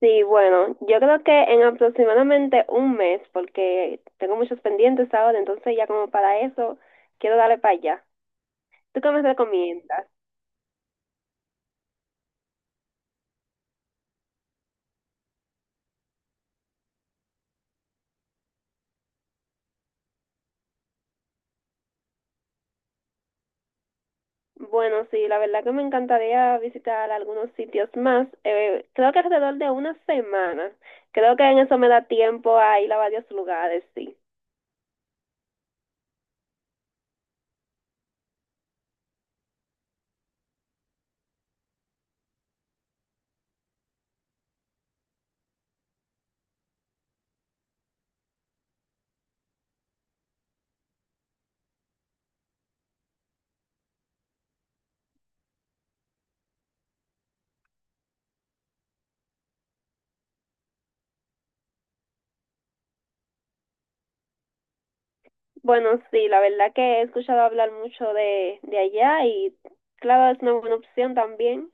Sí, bueno, yo creo que en aproximadamente un mes, porque tengo muchos pendientes ahora, entonces ya como para eso quiero darle para allá. ¿Tú qué me recomiendas? Bueno, sí, la verdad que me encantaría visitar algunos sitios más. Creo que alrededor de una semana. Creo que en eso me da tiempo a ir a varios lugares, sí. Bueno, sí, la verdad que he escuchado hablar mucho de allá y claro, es una buena opción también.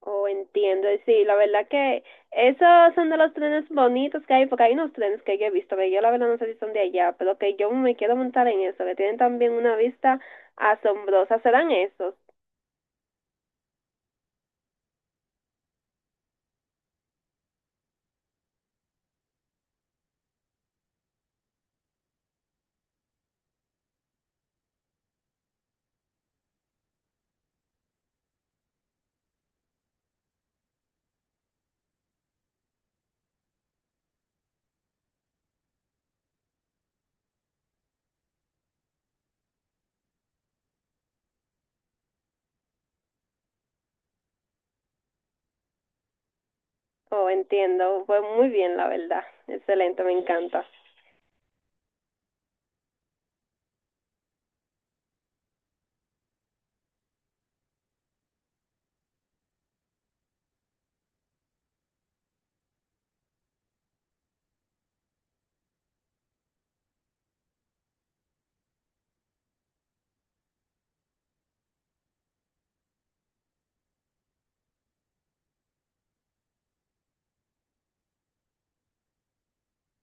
Oh, entiendo. Sí, la verdad que esos son de los trenes bonitos que hay, porque hay unos trenes que yo he visto, que yo la verdad no sé si son de allá, pero que yo me quiero montar en eso, que tienen también una vista asombrosa. ¿Serán esos? Oh, entiendo. Pues muy bien, la verdad. Excelente, me encanta.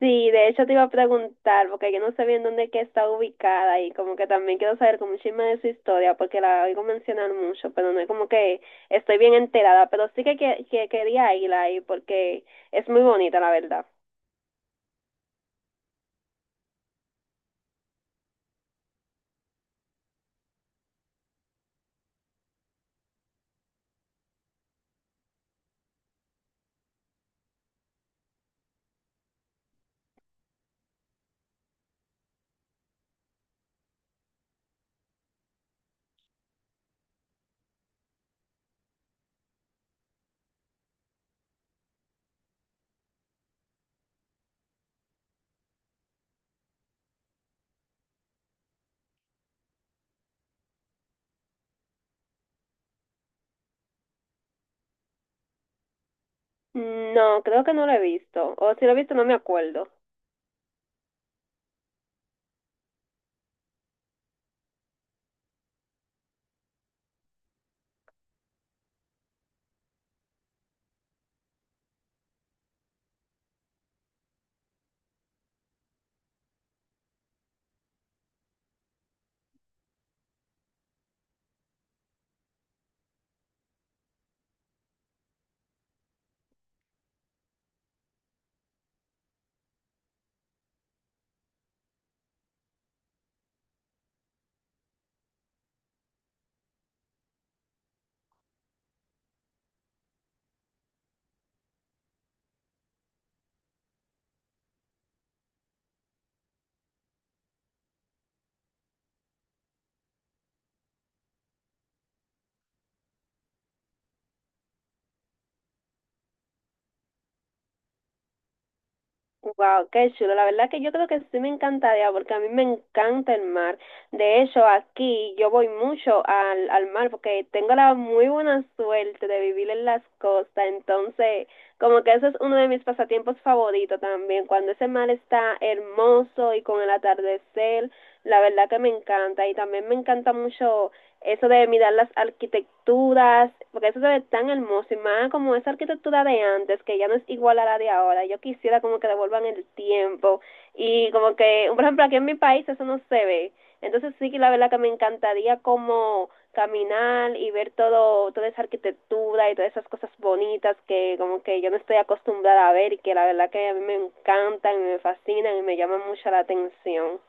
Sí, de hecho te iba a preguntar, porque yo no sé bien dónde es que está ubicada y como que también quiero saber como un chisme de su historia, porque la oigo mencionar mucho, pero no es como que estoy bien enterada, pero sí que quería ir ahí porque es muy bonita, la verdad. No, creo que no lo he visto, o si lo he visto no me acuerdo. Wow, qué chulo. La verdad que yo creo que sí me encantaría porque a mí me encanta el mar. De hecho, aquí yo voy mucho al mar porque tengo la muy buena suerte de vivir en las costas. Entonces, como que ese es uno de mis pasatiempos favoritos también, cuando ese mar está hermoso y con el atardecer, la verdad que me encanta y también me encanta mucho eso de mirar las arquitecturas, porque eso se ve tan hermoso y más como esa arquitectura de antes, que ya no es igual a la de ahora. Yo quisiera como que devuelvan el tiempo y como que, por ejemplo, aquí en mi país eso no se ve, entonces sí que la verdad que me encantaría como caminar y ver todo, toda esa arquitectura y todas esas cosas bonitas que como que yo no estoy acostumbrada a ver y que la verdad que a mí me encantan y me fascinan y me llaman mucho la atención.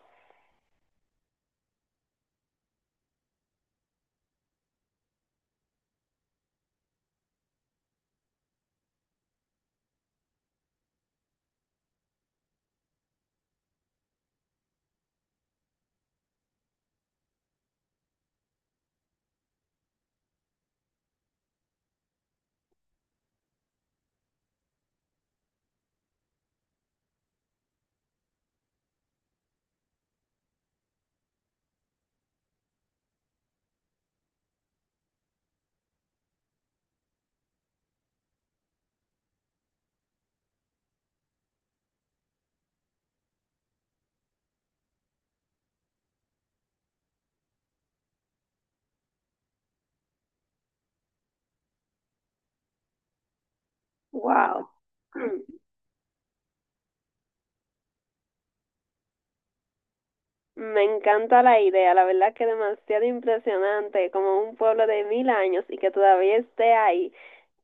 Wow. Me encanta la idea, la verdad que demasiado impresionante, como un pueblo de 1000 años y que todavía esté ahí.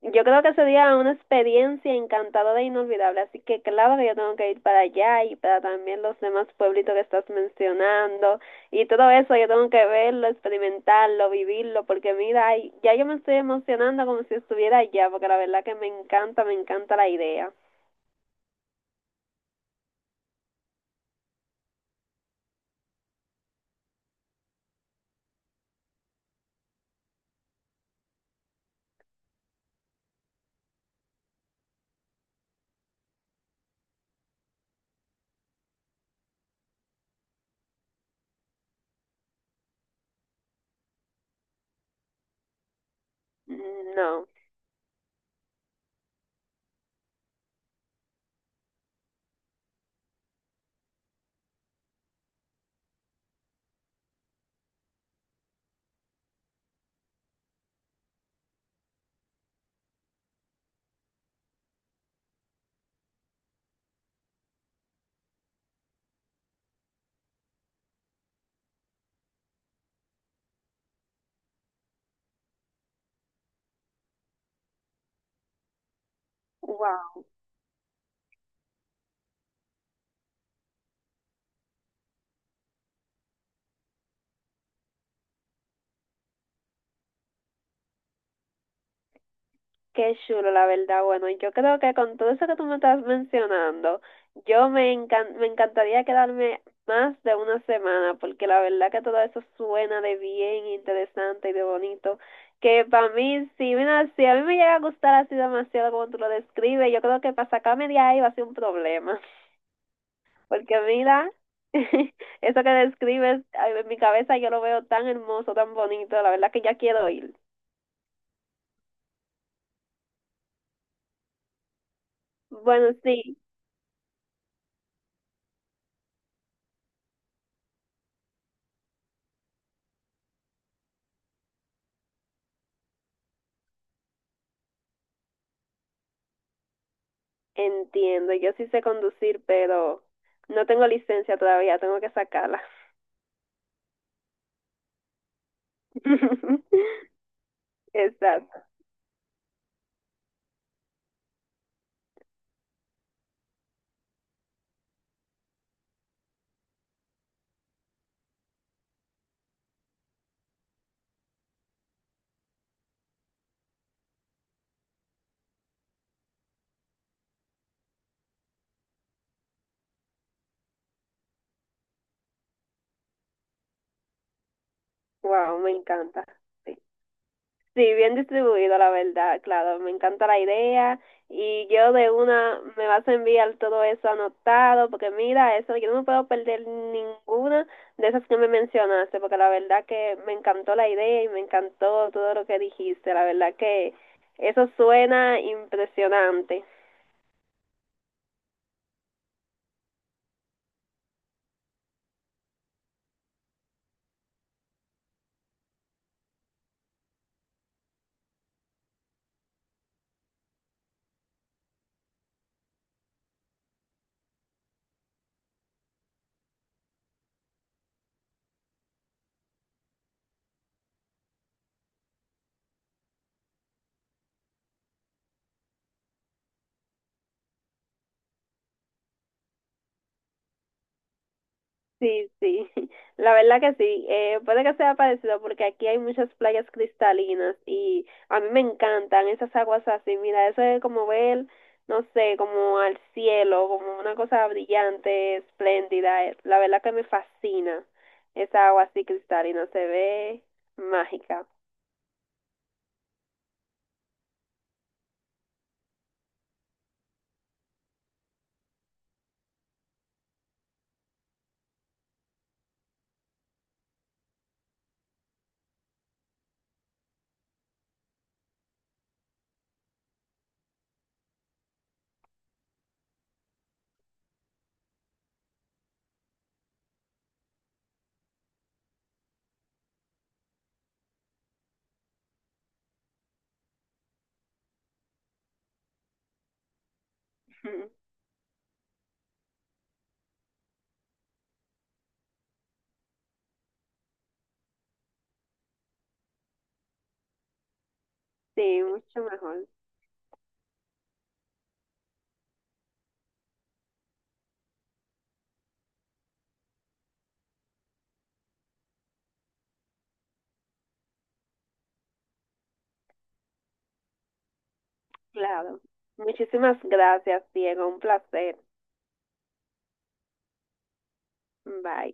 Yo creo que sería una experiencia encantadora e inolvidable, así que claro que yo tengo que ir para allá y para también los demás pueblitos que estás mencionando, y todo eso yo tengo que verlo, experimentarlo, vivirlo, porque mira, ay, ya yo me estoy emocionando como si estuviera allá, porque la verdad que me encanta la idea. Mm, no. Wow. Qué chulo, la verdad. Bueno, yo creo que con todo eso que tú me estás mencionando, me encantaría quedarme más de una semana, porque la verdad que todo eso suena de bien interesante y de bonito. Que para mí, si, mira, si a mí me llega a gustar así demasiado como tú lo describes, yo creo que para sacarme de ahí va a ser un problema. Porque mira, eso que describes ay, en mi cabeza yo lo veo tan hermoso, tan bonito, la verdad que ya quiero ir. Bueno, sí. Entiendo, yo sí sé conducir, pero no tengo licencia todavía, tengo que sacarla. Exacto. Wow, me encanta. Sí, sí, bien distribuido, la verdad, claro, me encanta la idea y yo de una me vas a enviar todo eso anotado, porque mira, eso, yo no me puedo perder ninguna de esas que me mencionaste, porque la verdad que me encantó la idea y me encantó todo lo que dijiste, la verdad que eso suena impresionante. Sí, sí, la verdad que sí. Puede que sea parecido porque aquí hay muchas playas cristalinas y a mí me encantan esas aguas así. Mira, eso es como ver, no sé, como al cielo, como una cosa brillante, espléndida. La verdad que me fascina esa agua así cristalina, se ve mágica. Sí, mucho mejor, claro. Muchísimas gracias, Diego, un placer. Bye.